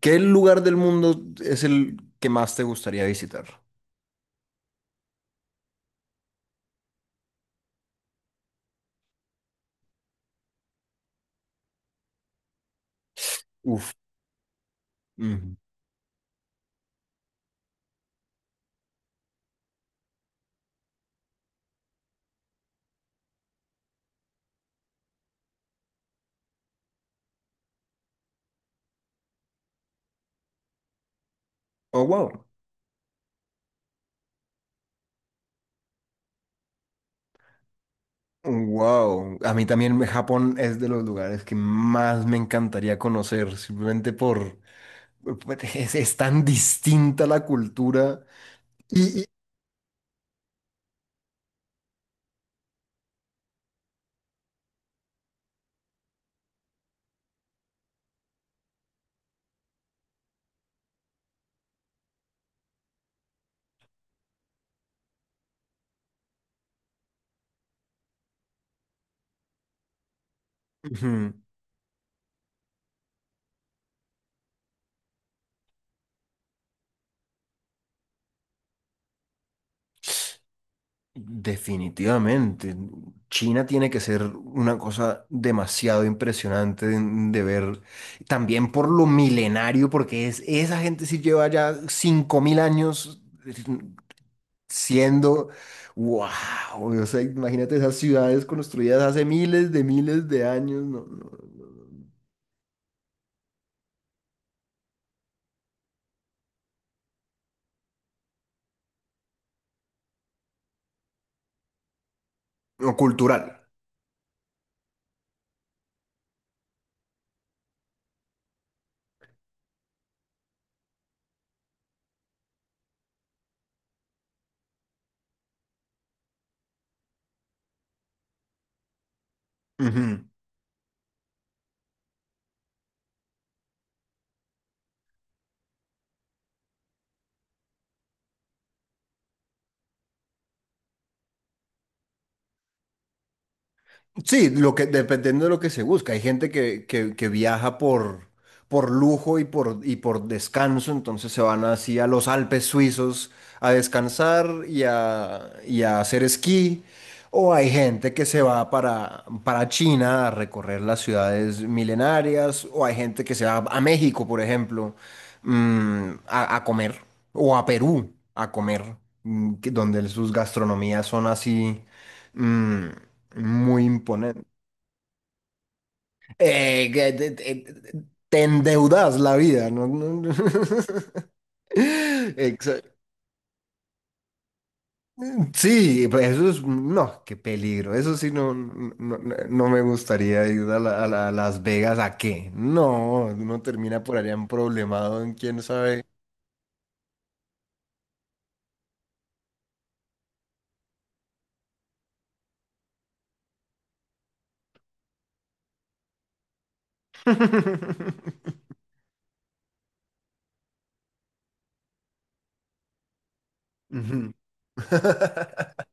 ¿Qué lugar del mundo es el que más te gustaría visitar? Uf. Ujú. Oh, wow. Wow. A mí también Japón es de los lugares que más me encantaría conocer, simplemente por... Es tan distinta la cultura. Y, y- Ujú. Definitivamente. China tiene que ser una cosa demasiado impresionante de ver. También por lo milenario, porque esa gente sí lleva ya 5.000 años siendo... ¡Wow! O sea, imagínate esas ciudades construidas hace miles de años. No, no, no. No. Cultural. Ujú. Sí, lo que, dependiendo de lo que se busca. Hay gente que viaja por lujo y por descanso, entonces se van así a los Alpes suizos a descansar y a hacer esquí. O hay gente que se va para China a recorrer las ciudades milenarias. O hay gente que se va a México, por ejemplo, mm, a comer. O a Perú a comer, mm, donde sus gastronomías son así. Mm, muy imponente. Que te endeudas la vida, ¿no? Exa- Sí, pues eso es, no, qué peligro. Eso sí, no me gustaría ir a, a Las Vegas a qué. No, uno termina por allá en problemado en quién sabe. Ujú.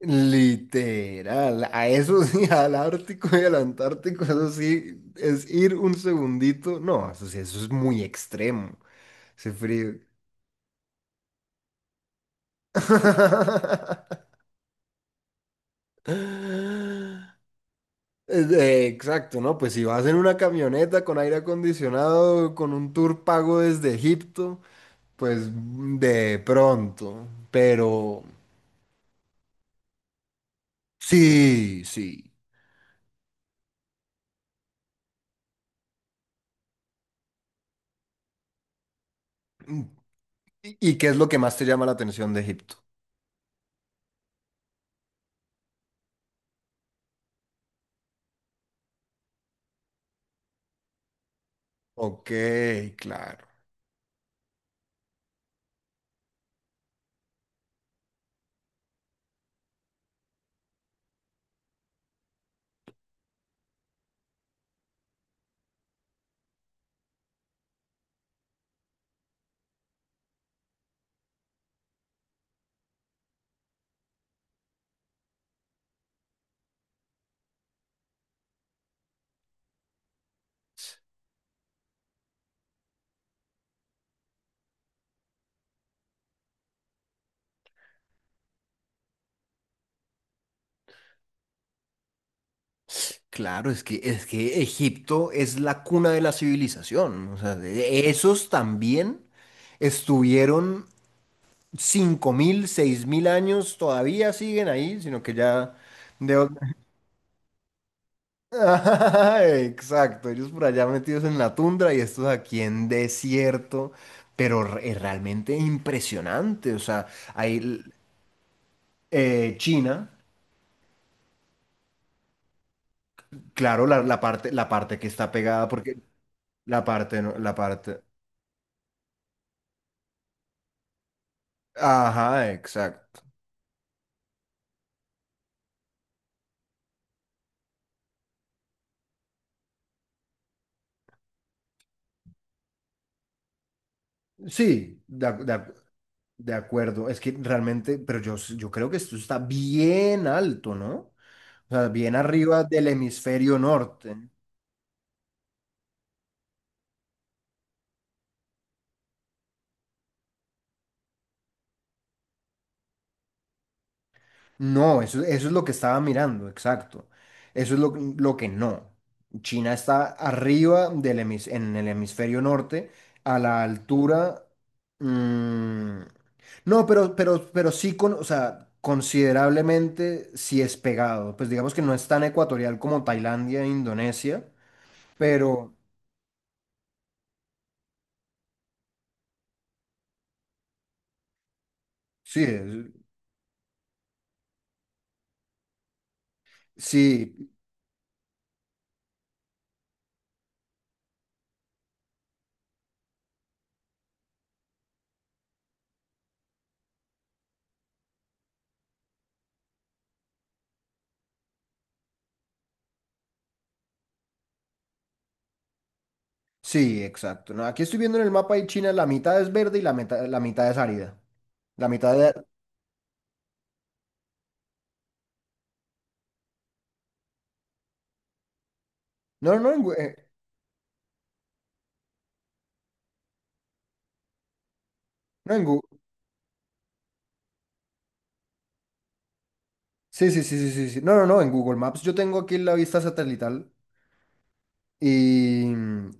Literal, a eso sí, al Ártico y al Antártico, eso sí, es ir un segundito. No, eso sí, eso es muy extremo, ese frío. Exacto, ¿no? Pues si vas en una camioneta con aire acondicionado, con un tour pago desde Egipto, pues mm, de pronto. Pero sí, sí. Y qué es lo que más te llama la atención de Egipto? Ok, claro. Claro, es que Egipto es la cuna de la civilización. O sea, esos también estuvieron 5.000, 6.000 años, todavía siguen ahí, sino que ya... de- Exacto, ellos por allá metidos en la tundra y estos aquí en desierto, pero es realmente impresionante. O sea, hay China, claro, la parte que está pegada, porque la parte, la parte... Ajá, exacto. Sí, de acuerdo. Es que realmente, pero yo, yo creo que esto está bien alto, ¿no? O sea, bien arriba del hemisferio norte. No, eso es lo que estaba mirando, exacto. Eso es lo que no. China está arriba del en el hemisferio norte, a la altura. Mm, no, pero sí con, o sea, considerablemente sí es pegado. Pues digamos que no es tan ecuatorial como Tailandia e Indonesia. Pero sí, sí, sí, exacto. No, aquí estoy viendo en el mapa y China la mitad es verde y la mitad es árida. La mitad de... No, no, no, no en Google. Sí, sí, sí, sí, sí, sí. No, no, no, en Google Maps yo tengo aquí la vista satelital y,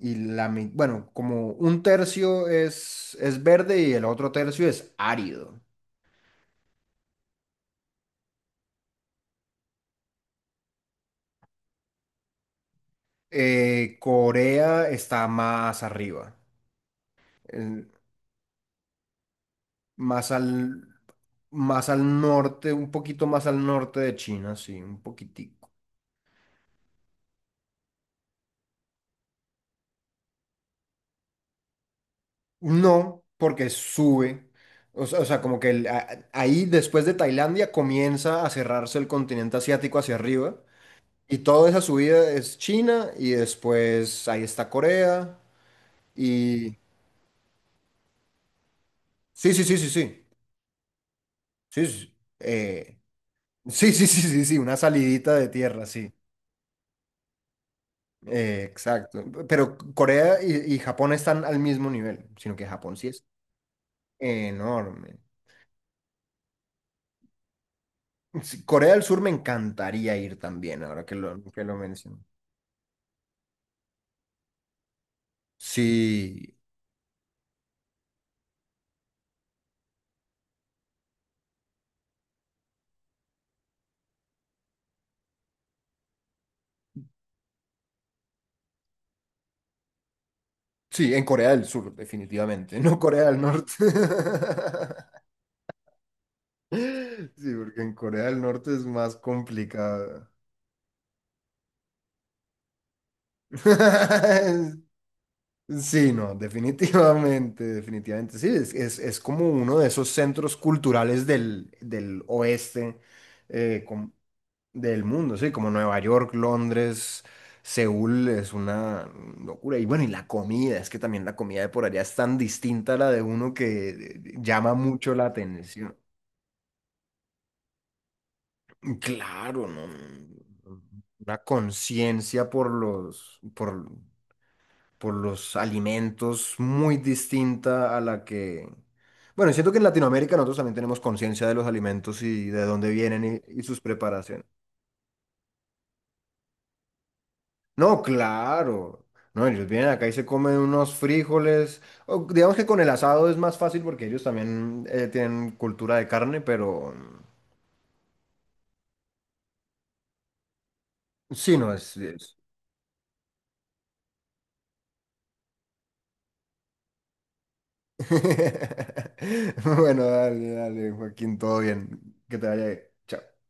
bueno, como un tercio es verde y el otro tercio es árido. Corea está más arriba, el- más al... Más al norte, un poquito más al norte de China, sí, un poquitico. No, porque sube. O sea, como que ahí después de Tailandia comienza a cerrarse el continente asiático hacia arriba. Y toda esa subida es China y después ahí está Corea. Y... Sí, sí, sí, sí, sí. Sí, sí, sí, sí, sí, sí, sí, una salidita de tierra, sí. Exacto. Pero Corea y Japón están al mismo nivel, sino que Japón sí es enorme. Sí, Corea del Sur me encantaría ir también, ahora que lo menciono. Sí, sí, en Corea del Sur, definitivamente, no Corea del Norte. Sí, porque en Corea del Norte es más complicado. Sí, no, definitivamente, definitivamente. Sí, es como uno de esos centros culturales del, del oeste, eh, del mundo, sí, como Nueva York, Londres, Seúl es una locura. Y bueno, y la comida, es que también la comida de por allá es tan distinta a la de uno que llama mucho la atención. Claro, no, no, una conciencia por los alimentos muy distinta a la que... Bueno, siento que en Latinoamérica nosotros también tenemos conciencia de los alimentos y de dónde vienen y sus preparaciones. No, claro. No, ellos vienen acá y se comen unos frijoles. O digamos que con el asado es más fácil porque ellos también tienen cultura de carne, pero mm, sí, no es. Bueno, dale, dale, Joaquín, todo bien. Que te vaya bien. Chao.